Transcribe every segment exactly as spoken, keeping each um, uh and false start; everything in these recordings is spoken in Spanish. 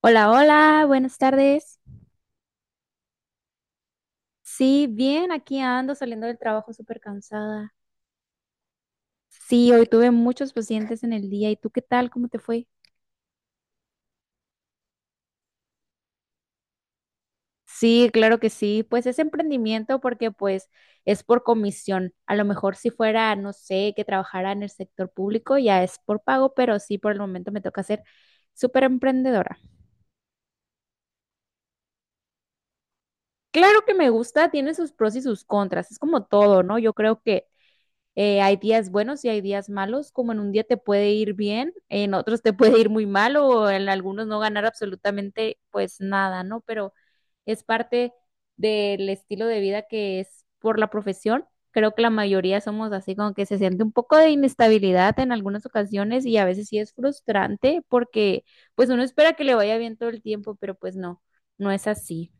Hola, hola, buenas tardes. Sí, bien, aquí ando saliendo del trabajo súper cansada. Sí, hoy tuve muchos pacientes en el día. ¿Y tú qué tal? ¿Cómo te fue? Sí, claro que sí. Pues es emprendimiento porque pues es por comisión. A lo mejor si fuera, no sé, que trabajara en el sector público, ya es por pago, pero sí, por el momento me toca ser súper emprendedora. Claro que me gusta, tiene sus pros y sus contras. Es como todo, ¿no? Yo creo que Eh, hay días buenos y hay días malos, como en un día te puede ir bien, en otros te puede ir muy mal o en algunos no ganar absolutamente pues nada, ¿no? Pero es parte del estilo de vida que es por la profesión. Creo que la mayoría somos así, como que se siente un poco de inestabilidad en algunas ocasiones y a veces sí es frustrante porque pues uno espera que le vaya bien todo el tiempo, pero pues no, no es así.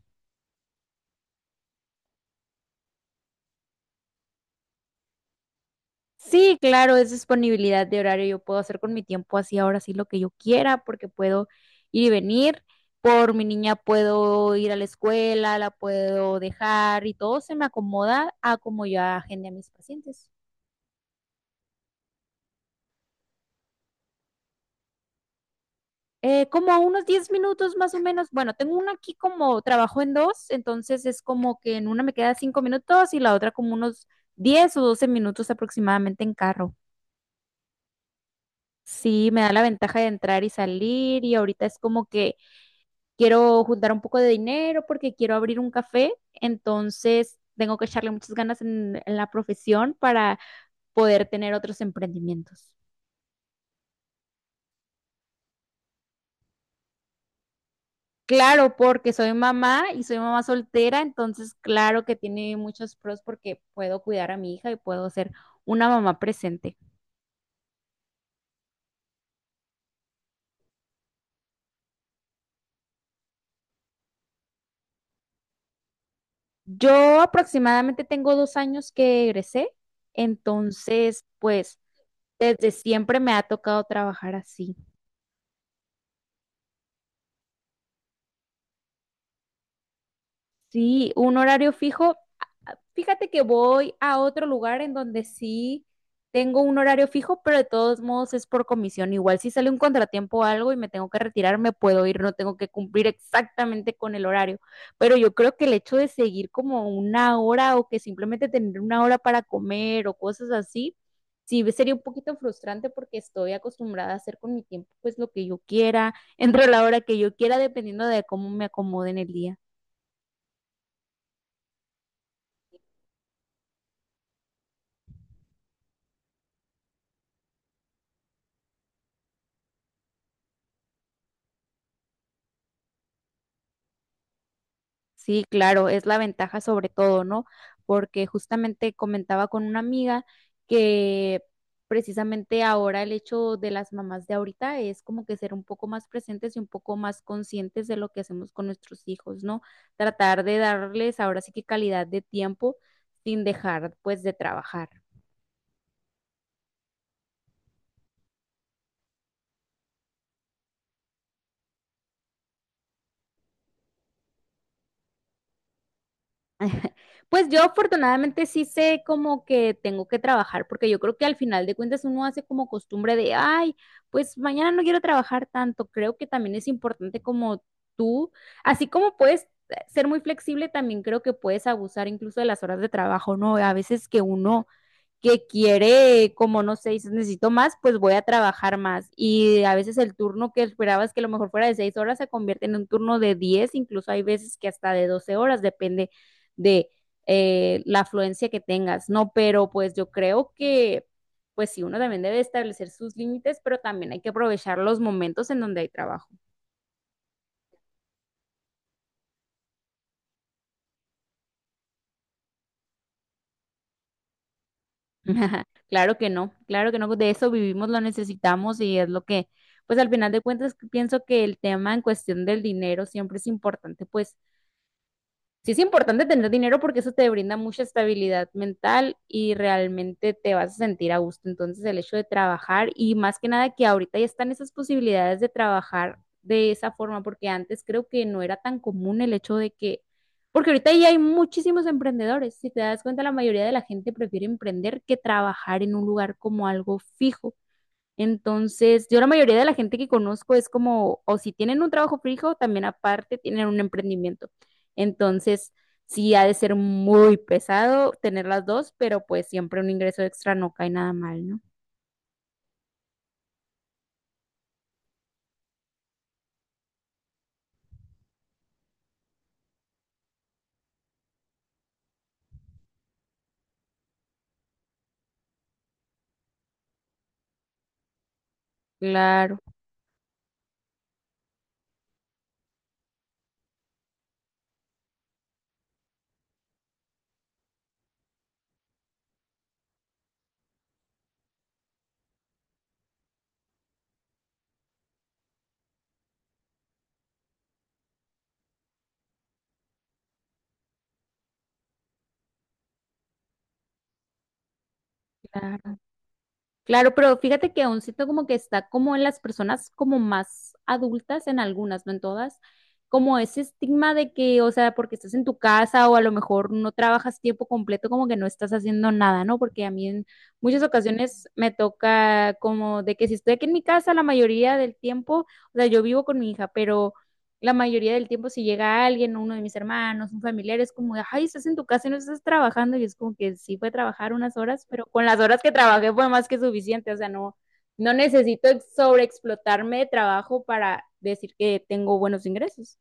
Sí, claro, es disponibilidad de horario. Yo puedo hacer con mi tiempo así ahora sí lo que yo quiera porque puedo ir y venir. Por mi niña puedo ir a la escuela, la puedo dejar y todo se me acomoda a como yo agende a mis pacientes. Eh, como a unos diez minutos más o menos. Bueno, tengo una aquí como trabajo en dos, entonces es como que en una me queda cinco minutos y la otra como unos diez o doce minutos aproximadamente en carro. Sí, me da la ventaja de entrar y salir y ahorita es como que quiero juntar un poco de dinero porque quiero abrir un café, entonces tengo que echarle muchas ganas en, en la profesión para poder tener otros emprendimientos. Claro, porque soy mamá y soy mamá soltera, entonces claro que tiene muchos pros porque puedo cuidar a mi hija y puedo ser una mamá presente. Yo aproximadamente tengo dos años que egresé, entonces pues desde siempre me ha tocado trabajar así. Sí, un horario fijo. Fíjate que voy a otro lugar en donde sí tengo un horario fijo, pero de todos modos es por comisión. Igual si sale un contratiempo o algo y me tengo que retirar, me puedo ir, no tengo que cumplir exactamente con el horario. Pero yo creo que el hecho de seguir como una hora o que simplemente tener una hora para comer o cosas así, sí sería un poquito frustrante porque estoy acostumbrada a hacer con mi tiempo pues lo que yo quiera, entre la hora que yo quiera, dependiendo de cómo me acomode en el día. Sí, claro, es la ventaja sobre todo, ¿no? Porque justamente comentaba con una amiga que precisamente ahora el hecho de las mamás de ahorita es como que ser un poco más presentes y un poco más conscientes de lo que hacemos con nuestros hijos, ¿no? Tratar de darles ahora sí que calidad de tiempo sin dejar pues de trabajar. Pues yo afortunadamente sí sé como que tengo que trabajar, porque yo creo que al final de cuentas uno hace como costumbre de, ay, pues mañana no quiero trabajar tanto. Creo que también es importante como tú, así como puedes eh, ser muy flexible, también creo que puedes abusar incluso de las horas de trabajo, ¿no? A veces que uno que quiere, como no sé, dices, necesito más, pues voy a trabajar más. Y a veces el turno que esperabas que a lo mejor fuera de seis horas se convierte en un turno de diez, incluso hay veces que hasta de doce horas, depende de eh, la afluencia que tengas, ¿no? Pero pues yo creo que, pues sí, uno también debe establecer sus límites, pero también hay que aprovechar los momentos en donde hay trabajo. Claro que no, claro que no, de eso vivimos, lo necesitamos y es lo que, pues al final de cuentas pienso que el tema en cuestión del dinero siempre es importante, pues sí es importante tener dinero porque eso te brinda mucha estabilidad mental y realmente te vas a sentir a gusto. Entonces, el hecho de trabajar y más que nada que ahorita ya están esas posibilidades de trabajar de esa forma, porque antes creo que no era tan común el hecho de que, porque ahorita ya hay muchísimos emprendedores. Si te das cuenta, la mayoría de la gente prefiere emprender que trabajar en un lugar como algo fijo. Entonces, yo la mayoría de la gente que conozco es como, o si tienen un trabajo fijo, también aparte tienen un emprendimiento. Entonces, sí ha de ser muy pesado tener las dos, pero pues siempre un ingreso extra no cae nada mal, ¿no? Claro, claro. Claro, pero fíjate que aún siento como que está como en las personas como más adultas, en algunas, no en todas, como ese estigma de que, o sea, porque estás en tu casa o a lo mejor no trabajas tiempo completo, como que no estás haciendo nada, ¿no? Porque a mí en muchas ocasiones me toca como de que si estoy aquí en mi casa la mayoría del tiempo, o sea, yo vivo con mi hija, pero la mayoría del tiempo si llega alguien, uno de mis hermanos, un familiar, es como, ay, estás en tu casa y no estás trabajando. Y es como que sí fue trabajar unas horas, pero con las horas que trabajé fue más que suficiente. O sea, no, no necesito sobreexplotarme de trabajo para decir que tengo buenos ingresos.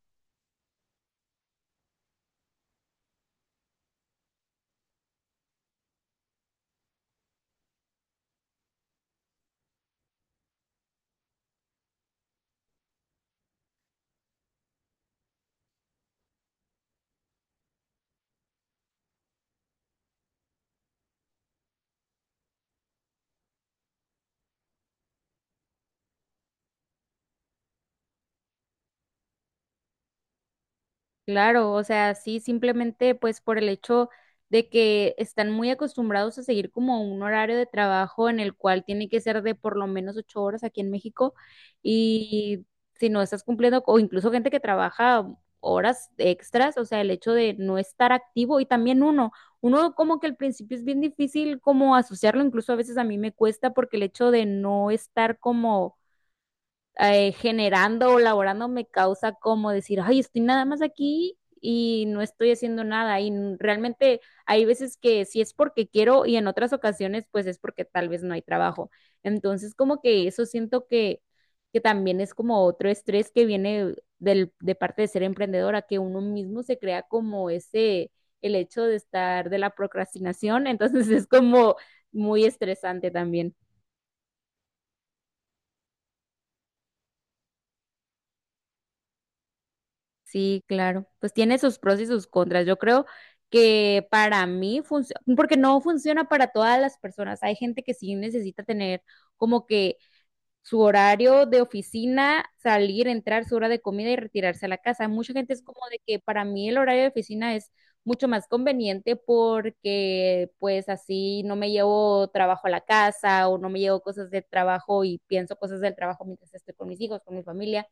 Claro, o sea, sí, simplemente pues por el hecho de que están muy acostumbrados a seguir como un horario de trabajo en el cual tiene que ser de por lo menos ocho horas aquí en México y si no estás cumpliendo, o incluso gente que trabaja horas extras, o sea, el hecho de no estar activo y también uno, uno como que al principio es bien difícil como asociarlo, incluso a veces a mí me cuesta porque el hecho de no estar como eh, generando o laborando me causa como decir, ay, estoy nada más aquí y no estoy haciendo nada. Y n- realmente hay veces que sí es porque quiero y en otras ocasiones pues es porque tal vez no hay trabajo. Entonces como que eso siento que, que también es como otro estrés que viene del, de parte de ser emprendedora, que uno mismo se crea como ese, el hecho de estar de la procrastinación. Entonces es como muy estresante también. Sí, claro. Pues tiene sus pros y sus contras. Yo creo que para mí funciona, porque no funciona para todas las personas. Hay gente que sí necesita tener como que su horario de oficina, salir, entrar, su hora de comida y retirarse a la casa. Mucha gente es como de que para mí el horario de oficina es mucho más conveniente porque pues así no me llevo trabajo a la casa o no me llevo cosas de trabajo y pienso cosas del trabajo mientras estoy con mis hijos, con mi familia.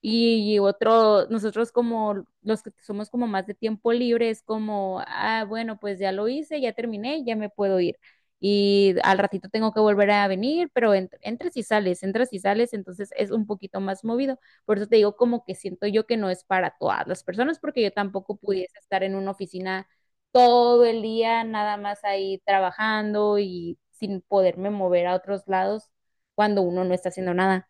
Y, y otro, nosotros como los que somos como más de tiempo libre, es como, ah, bueno, pues ya lo hice, ya terminé, ya me puedo ir. Y al ratito tengo que volver a venir, pero ent- entras y sales, entras y sales, entonces es un poquito más movido. Por eso te digo como que siento yo que no es para todas las personas, porque yo tampoco pudiese estar en una oficina todo el día, nada más ahí trabajando y sin poderme mover a otros lados cuando uno no está haciendo nada.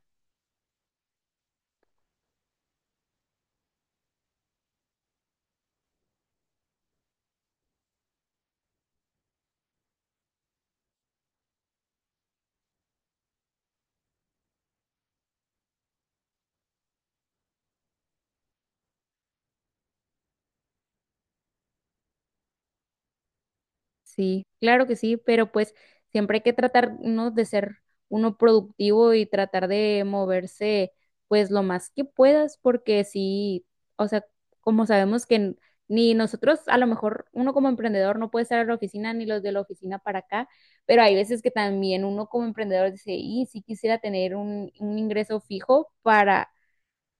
Sí, claro que sí, pero pues siempre hay que tratar, ¿no?, de ser uno productivo y tratar de moverse pues lo más que puedas, porque sí, o sea, como sabemos que n- ni nosotros, a lo mejor uno como emprendedor no puede estar en la oficina ni los de la oficina para acá, pero hay veces que también uno como emprendedor dice, y sí quisiera tener un, un ingreso fijo para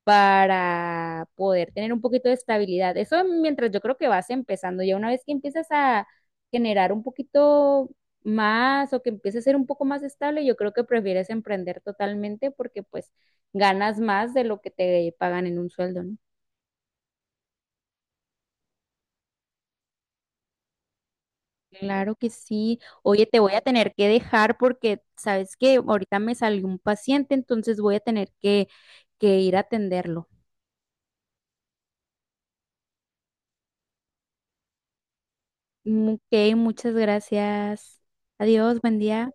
para poder tener un poquito de estabilidad. Eso mientras yo creo que vas empezando, ya una vez que empiezas a generar un poquito más o que empieces a ser un poco más estable, yo creo que prefieres emprender totalmente porque pues ganas más de lo que te pagan en un sueldo, ¿no? Claro que sí. Oye, te voy a tener que dejar porque sabes que ahorita me salió un paciente, entonces voy a tener que, que ir a atenderlo. Mm, Ok, muchas gracias. Adiós, buen día.